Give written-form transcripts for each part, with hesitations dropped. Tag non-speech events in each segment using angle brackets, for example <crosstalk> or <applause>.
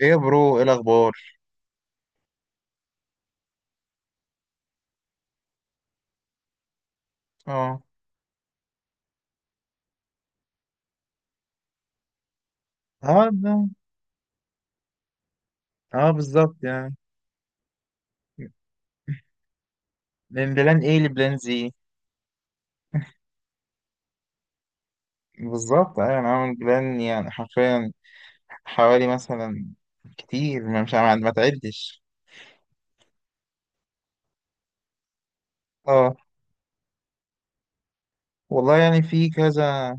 ايه يا برو، ايه الاخبار؟ اه. اه ده. اه، بالظبط يعني. من بلان ايه لبلان زي؟ بالظبط ايوه، انا عامل بلان يعني حرفيا، حوالي مثلا كتير ما مش ما تعدش. اه والله، يعني في كذا.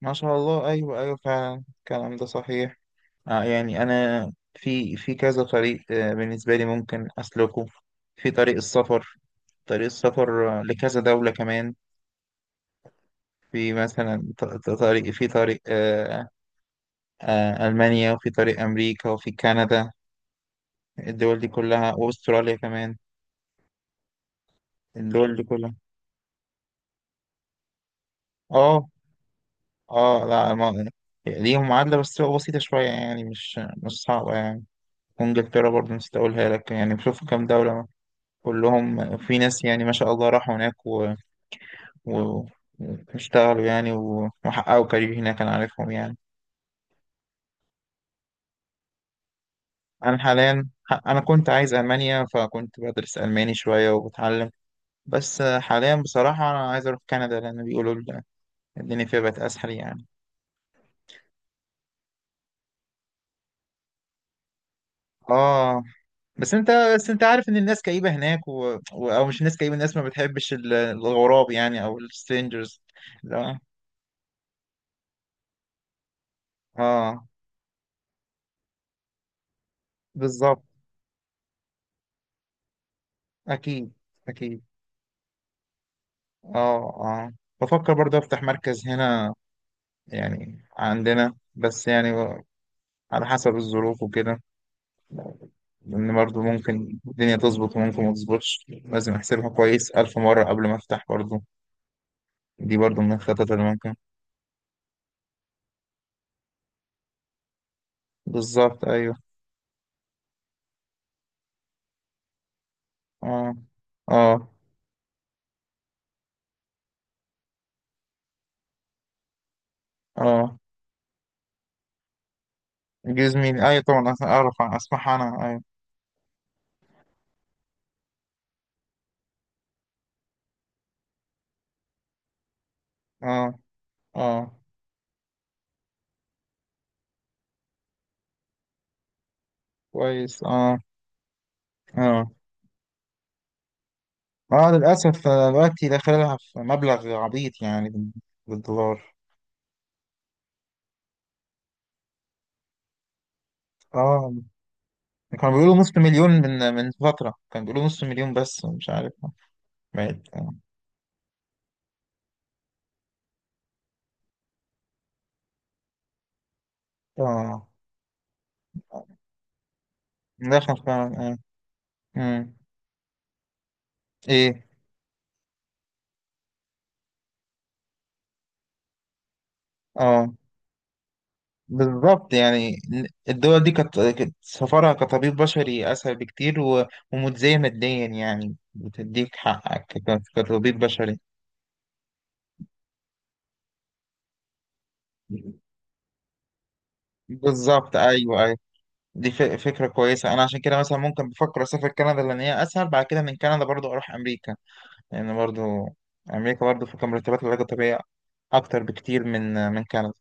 ما شاء الله، ايوه ايوه، فعلا الكلام ده صحيح. آه، يعني انا في كذا طريق، بالنسبه لي ممكن اسلكه. في طريق السفر. طريق السفر، لكذا دوله كمان. في مثلا طريق، في طريق، ألمانيا، وفي طريق أمريكا، وفي كندا. الدول دي كلها، وأستراليا كمان. الدول دي كلها. اه. اه، لا، ما ليهم معادلة، بس تبقى بسيطة شوية يعني، مش صعبة يعني. وإنجلترا برضه نسيت أقولها لك، يعني بشوف كام دولة كلهم في ناس، يعني ما شاء الله راحوا هناك و... واشتغلوا يعني وحققوا كارير هناك، أنا عارفهم يعني. أنا حاليا أنا كنت عايز ألمانيا، فكنت بدرس ألماني شوية وبتعلم. بس حاليا بصراحة أنا عايز أروح كندا، لأن بيقولوا الدنيا فيها بقت اسهل يعني. اه، بس انت عارف ان الناس كئيبه هناك او مش الناس كئيبه، الناس ما بتحبش الغراب يعني، او السترينجرز. لا. اه، بالظبط. اكيد. اكيد. اه. اه. بفكر برضه افتح مركز هنا، يعني عندنا بس، يعني على حسب الظروف وكده. لان برضه ممكن الدنيا تظبط وممكن ما تظبطش، لازم احسبها كويس الف مره قبل ما افتح برضه. دي برضه من الخطط اللي ممكن. بالظبط ايوه. اه. اه. اه. جوز مين؟ ايوه طبعا، اعرف، اسمح انا، ايوه. اه. اه، كويس. اه. اه. اه، للاسف، دلوقتي داخلها في مبلغ عبيط يعني بالدولار. اه، كانوا بيقولوا نص مليون، من فترة كانوا بيقولوا نص مليون، بس مش عارف. بعيد، اه. آه. داخل فعلا، اه. مم. ايه. اه، بالظبط يعني، الدول دي كانت سفرها كطبيب بشري أسهل بكتير ومتزاية ماديا، يعني بتديك حقك كطبيب بشري. بالظبط، أيوه أيوه. دي فكرة كويسة. أنا عشان كده مثلا ممكن بفكر أسافر كندا، لأن هي أسهل، بعد كده من كندا برضو أروح أمريكا. لأن برضو أمريكا برضو في مرتبات العلاج الطبيعي أكتر بكتير من كندا.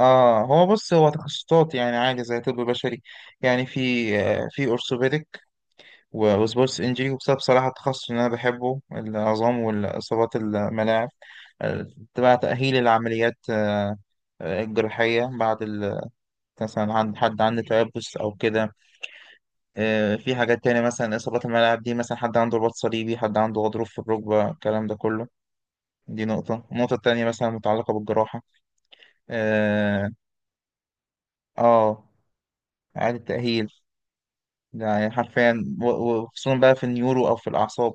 اه، هو بص، هو تخصصات يعني عادي زي طب بشري، يعني في في اورثوبيدك، وسبورتس انجري، وبسبب صراحة التخصص اللي أنا بحبه العظام والإصابات الملاعب، آه، تبع تأهيل العمليات، الجراحية بعد مثلا عند حد عنده تيبس أو كده. في حاجات تانية مثلا، إصابات الملاعب دي، مثلا حد عنده رباط صليبي، حد عنده غضروف في الركبة، الكلام ده كله. دي نقطة، النقطة التانية مثلا متعلقة بالجراحة. آه. آه، إعادة تأهيل، يعني حرفيا وخصوصا بقى في النيورو أو في الأعصاب،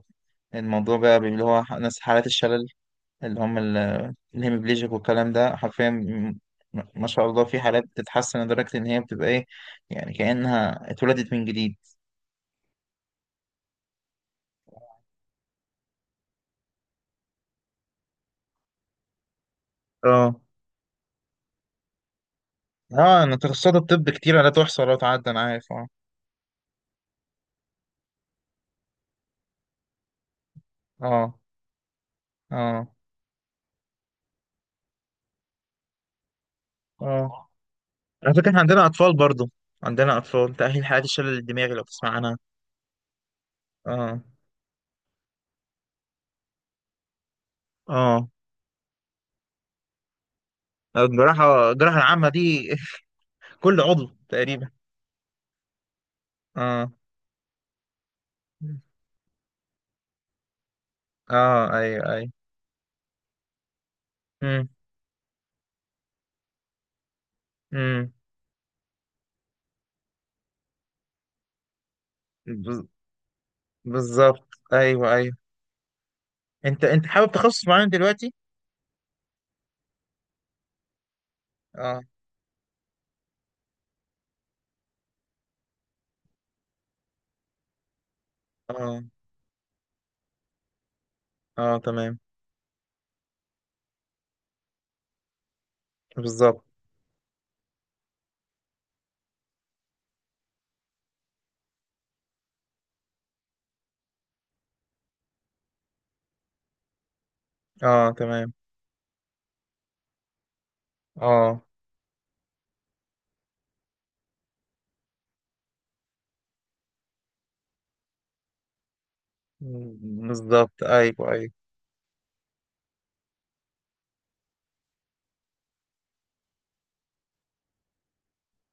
الموضوع بقى اللي هو ناس حالات الشلل، اللي هم الهemiplegic، والكلام ده حرفيا ما شاء الله، في حالات بتتحسن لدرجة إن هي بتبقى إيه، يعني كأنها اتولدت من جديد. اه. اه، انا تخصصات الطب كتير لا تحصى لا تعد، انا عارف. اه. اه. اه. اه. على فكرة احنا عندنا اطفال برضو، عندنا اطفال تأهيل حالات الشلل الدماغي، لو تسمع عنها. اه. اه. الجراحة العامة دي <laughs> كل عضو تقريبا. اه. اه. ايوه ايوه. امم. امم. بز- بالظبط، ايوه ايوه. انت حابب تخصص معين دلوقتي؟ اه. اه. اه، تمام. بالظبط. اه، تمام. اه. بالظبط، ايوه ايوه.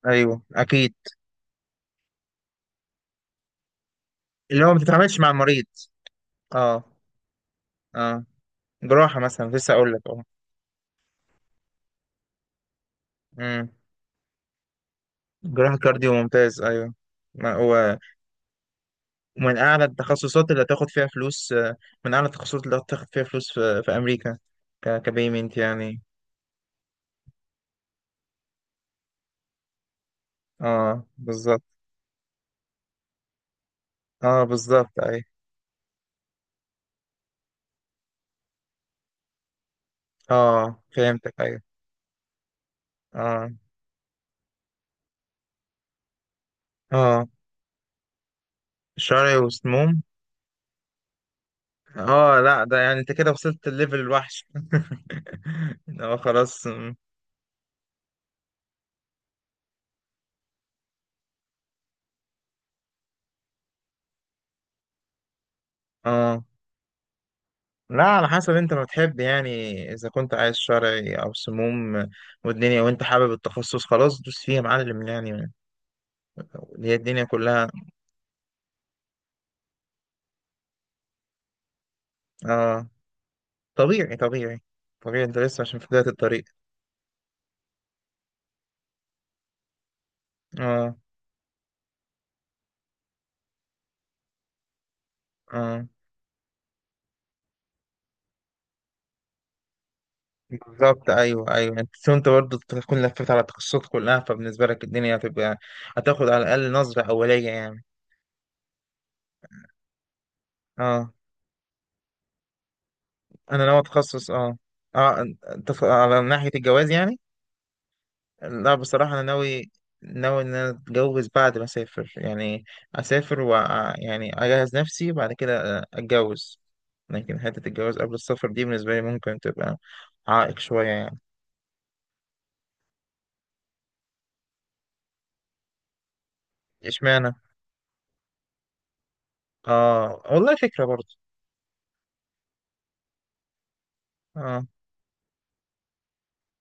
ايوه، اكيد. اللي هو ما بتتعاملش مع المريض. اه. اه. جراحة مثلا لسه اقول لك، اه. امم. جراحة كارديو، ممتاز، ايوه. ما هو من اعلى التخصصات اللي هتاخد فيها فلوس، من اعلى التخصصات اللي هتاخد فيها فلوس في امريكا، كبيمنت يعني. اه، بالظبط. اه، بالظبط ايوه. اه، فهمتك، ايوه. اه. اه. شعري وسموم. اه، لا، ده يعني انت كده وصلت الليفل الوحش <laughs> اه، خلاص، اه، لا، على حسب انت ما بتحب يعني، اذا كنت عايز شرعي او سموم والدنيا وانت حابب التخصص، خلاص دوس فيها يا معلم يعني، هي الدنيا كلها. اه، طبيعي طبيعي. طبيعي، انت لسه عشان في بداية الطريق. اه. اه، بالظبط ايوه ايوه، انت برضه تكون لفيت على التخصصات كلها، فبالنسبة لك الدنيا هتبقى، هتاخد على الاقل نظرة اولية يعني. اه، انا ناوي اتخصص. اه. اه. انت على ناحية الجواز يعني. لا بصراحة انا ناوي، ناوي ان انا اتجوز بعد ما اسافر يعني، اسافر و، يعني اجهز نفسي بعد كده اتجوز. لكن حتة الجواز قبل السفر دي بالنسبة لي ممكن تبقى عائق شوية يعني. اشمعنى؟ اه والله، فكرة برضه. اه.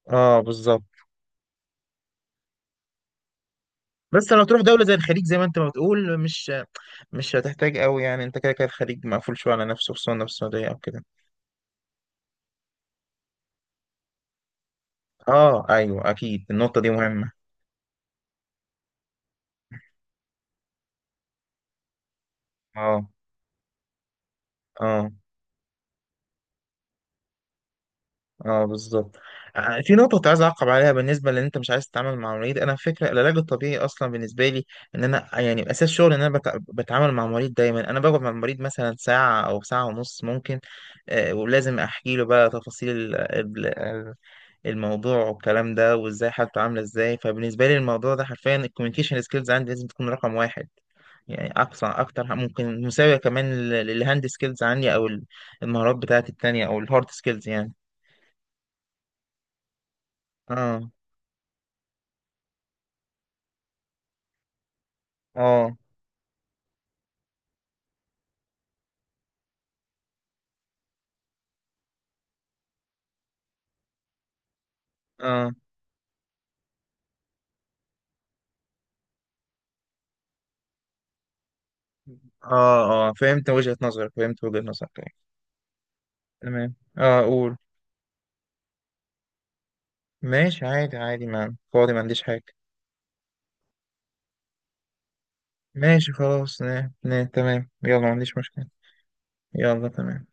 اه، بالظبط. بس لو تروح دولة زي الخليج، زي ما انت ما بتقول، مش هتحتاج قوي يعني، انت كده كده الخليج مقفول شوية على نفسه، خصوصا لو في السعودية او كده. اه، ايوه اكيد، النقطه دي مهمه. اه. اه. اه، بالظبط. في نقطه كنت عايز اعقب عليها، بالنسبه لان انت مش عايز تتعامل مع مريض، انا فكره العلاج الطبيعي اصلا بالنسبه لي ان انا يعني اساس شغل ان انا بتعامل مع مريض دايما، انا بقعد مع المريض مثلا ساعه او ساعه ونص ممكن، ولازم احكي له بقى تفاصيل الموضوع والكلام ده وازاي حالته عامله ازاي، فبالنسبه لي الموضوع ده حرفيا الكوميونيكيشن سكيلز عندي لازم تكون رقم واحد، يعني اقصى اكتر ممكن مساويه كمان للهاند سكيلز عندي او المهارات بتاعتي التانية، او الهارد سكيلز يعني. اه. اه. اه. اه. اه، فهمت وجهة نظرك، فهمت وجهة نظرك يعني. تمام، اه، قول. ماشي عادي، عادي، ما فاضي، ما عنديش حاجة. ماشي خلاص، نه نه، تمام، يلا، ما عنديش مشكلة. يلا تمام.